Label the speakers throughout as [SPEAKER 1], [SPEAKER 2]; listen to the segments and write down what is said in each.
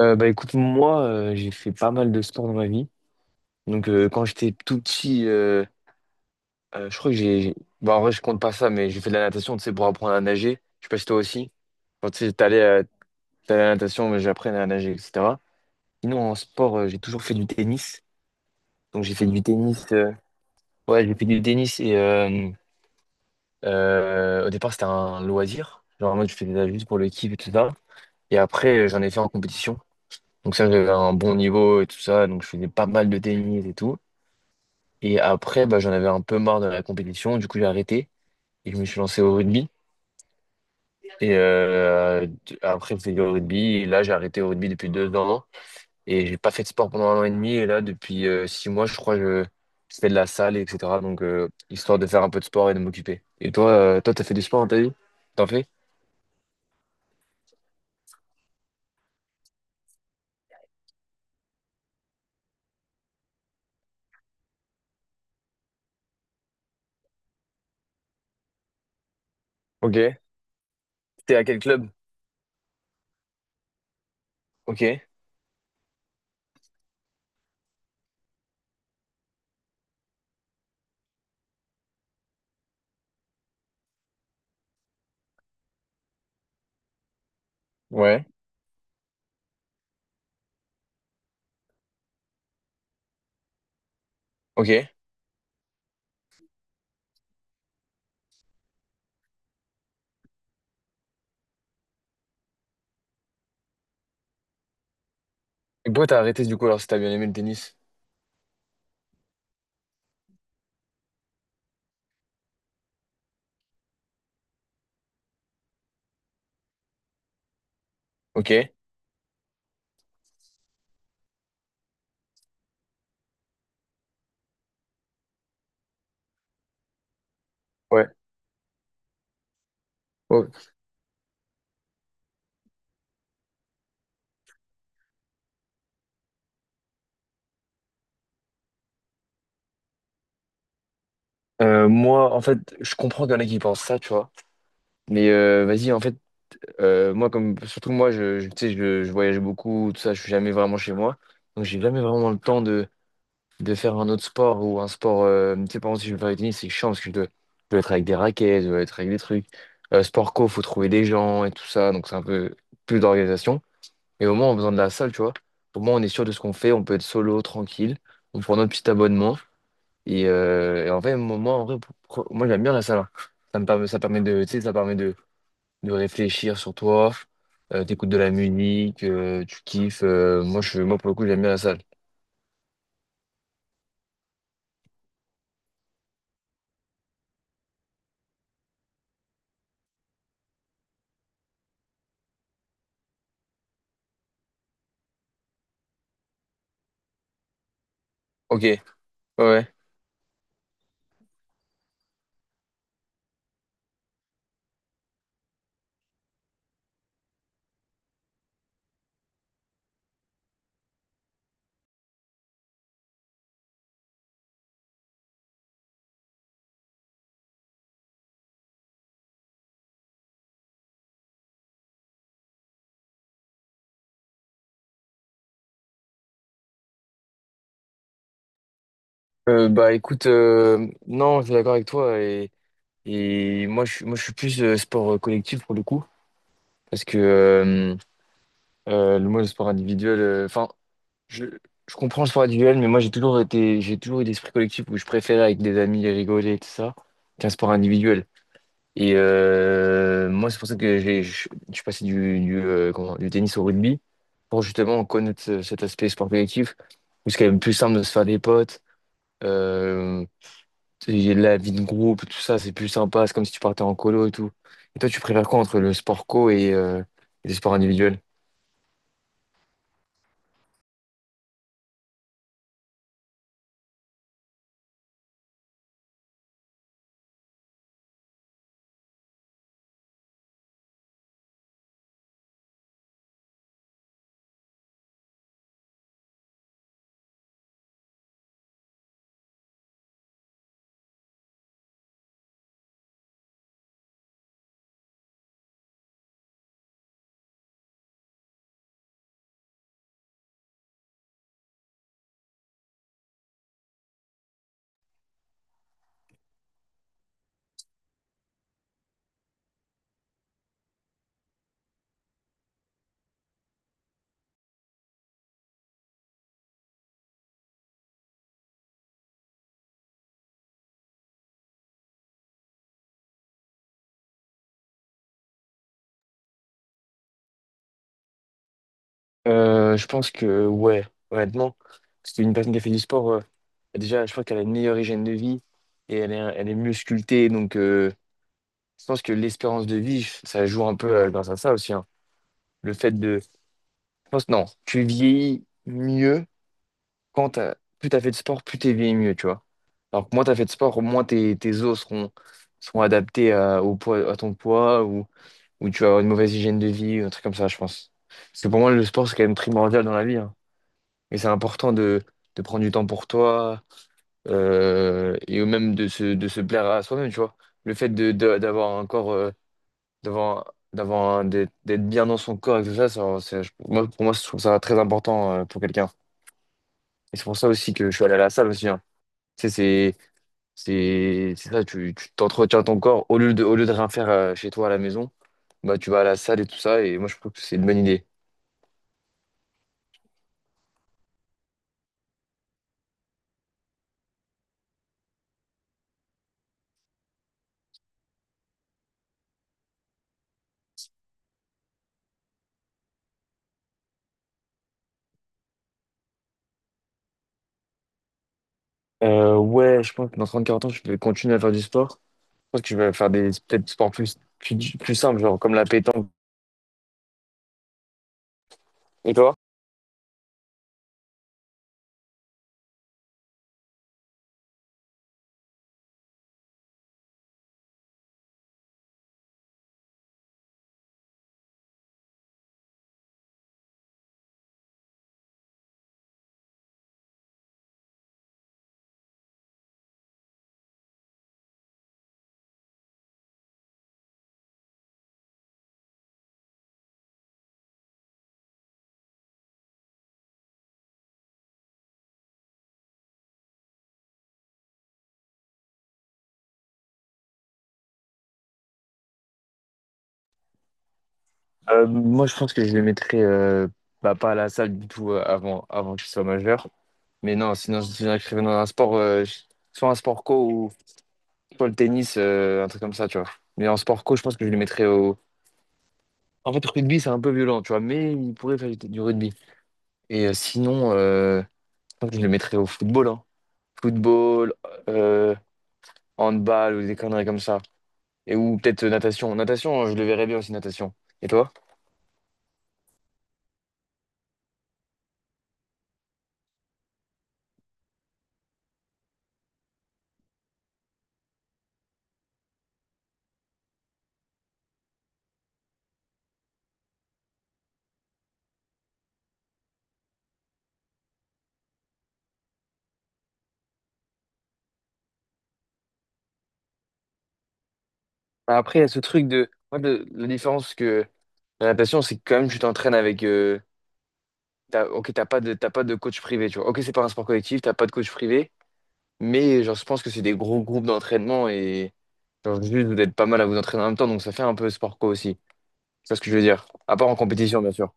[SPEAKER 1] Bah écoute, moi, j'ai fait pas mal de sport dans ma vie. Donc, quand j'étais tout petit, je crois que bah, en vrai, je compte pas ça, mais j'ai fait de la natation, tu sais, pour apprendre à nager. Je sais pas si toi aussi. Quand tu sais, t'allais à la natation, mais j'apprenais à nager, etc. Sinon, en sport, j'ai toujours fait du tennis. Donc, j'ai fait du tennis. Ouais, j'ai fait du tennis et au départ, c'était un loisir. Genre, moi, je faisais ça juste pour le kiff et tout ça. Et après, j'en ai fait en compétition. Donc, ça, j'avais un bon niveau et tout ça. Donc, je faisais pas mal de tennis et tout. Et après, bah, j'en avais un peu marre de la compétition. Du coup, j'ai arrêté et je me suis lancé au rugby. Et après, j'ai fait du rugby. Et là, j'ai arrêté au rugby depuis 2 ans. Et j'ai pas fait de sport pendant 1 an et demi. Et là, depuis 6 mois, je crois, je fais de la salle, etc. Donc, histoire de faire un peu de sport et de m'occuper. Et toi, t'as fait du sport dans ta vie? T'en fais? Ok. T'es à quel club? Ok. Ouais. Ok. Et pourquoi t'as arrêté du coup alors si t'as bien aimé le tennis? Ok. Ouais. Oh. Moi, en fait, je comprends qu'il y en a qui pensent ça, tu vois. Mais vas-y, en fait, moi, comme surtout moi, tu sais, je voyage beaucoup, tout ça, je suis jamais vraiment chez moi. Donc, j'ai jamais vraiment le temps de faire un autre sport ou un sport. Tu sais, par exemple, si je veux faire du tennis, c'est chiant parce que je dois être avec des raquettes, je dois être avec des trucs. Sport co, faut trouver des gens et tout ça. Donc, c'est un peu plus d'organisation. Mais au moins, on a besoin de la salle, tu vois. Au moins, on est sûr de ce qu'on fait, on peut être solo, tranquille. On prend notre petit abonnement. Et en fait, moi, en vrai, moi, j'aime bien la salle, hein. Ça permet de, tu sais, ça permet de réfléchir sur toi, t'écoutes de la musique, tu kiffes. Moi, je, moi, pour le coup, j'aime bien la salle. Ok, ouais. Ouais. Bah écoute, non, je suis d'accord avec toi, et moi, moi, je suis plus sport collectif pour le coup parce que le sport individuel, enfin je, je comprends le sport individuel, mais moi, j'ai toujours eu l'esprit collectif, où je préférais avec des amis rigoler et tout ça qu'un sport individuel. Et moi, c'est pour ça que j'ai, je suis passé du tennis au rugby, pour justement connaître cet aspect sport collectif, où c'est quand même plus simple de se faire des potes, euh, et la vie de groupe, tout ça, c'est plus sympa, c'est comme si tu partais en colo et tout. Et toi, tu préfères quoi entre le sport co et les sports individuels? Je pense que, ouais, honnêtement, parce qu'une personne qui a fait du sport, déjà, je crois qu'elle a une meilleure hygiène de vie, et elle est mieux sculptée, donc. Je pense que l'espérance de vie, ça joue un peu grâce à ça aussi, hein. Le fait de. Je pense, non, tu vieillis mieux plus t'as fait de sport, plus t'es vieilli mieux, tu vois. Alors que moins t'as fait de sport, moins tes os seront, seront adaptés à, au poids, à ton poids, ou tu vas avoir une mauvaise hygiène de vie, un truc comme ça, je pense. Parce que pour moi, le sport, c'est quand même primordial dans la vie, hein. Et c'est important de prendre du temps pour toi et même de se plaire à soi-même, tu vois. Le fait de, d'avoir un corps. Devant d'être bien dans son corps et tout ça, moi, pour moi, je trouve ça très important pour quelqu'un. Et c'est pour ça aussi que je suis allé à la salle aussi, hein. Tu sais, c'est ça, tu t'entretiens ton corps au lieu de rien faire chez toi à la maison, bah tu vas à la salle et tout ça. Et moi, je trouve que c'est une bonne idée. Ouais, je pense que dans 30-40 ans, je vais continuer à faire du sport. Je pense que je vais faire des peut-être des sports plus simples, genre comme la pétanque. Et toi? Moi, je pense que je les mettrais bah, pas à la salle du tout euh, avant que je sois majeur. Mais non, sinon je m'inscrivais dans un sport, soit un sport co, ou soit le tennis, un truc comme ça, tu vois. Mais en sport co, je pense que je le mettrais au. En fait, rugby, c'est un peu violent, tu vois, mais il pourrait faire du rugby. Et sinon, je pense que je le mettrais au football, hein. Football, euh, handball ou des conneries comme ça. Et ou peut-être natation. Natation, je le verrais bien aussi, natation. Et toi? Après, il y a ce truc de. Moi, la différence que la natation, c'est que quand même, tu t'entraînes avec. T'as, ok, t'as pas de coach privé, tu vois. Ok, c'est pas un sport collectif, t'as pas de coach privé, mais genre, je pense que c'est des gros groupes d'entraînement et genre, juste vous êtes pas mal à vous entraîner en même temps, donc ça fait un peu sport co aussi. C'est ça ce que je veux dire. À part en compétition, bien sûr.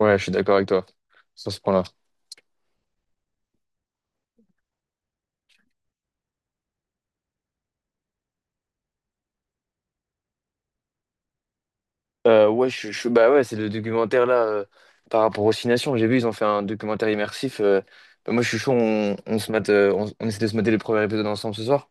[SPEAKER 1] Ouais, je suis d'accord avec toi sur ce point-là. Bah ouais, c'est le documentaire là par rapport aux Six Nations. J'ai vu, ils ont fait un documentaire immersif. Bah moi, je suis chaud, on se mate, on essaie de se mater le premier épisode ensemble ce soir.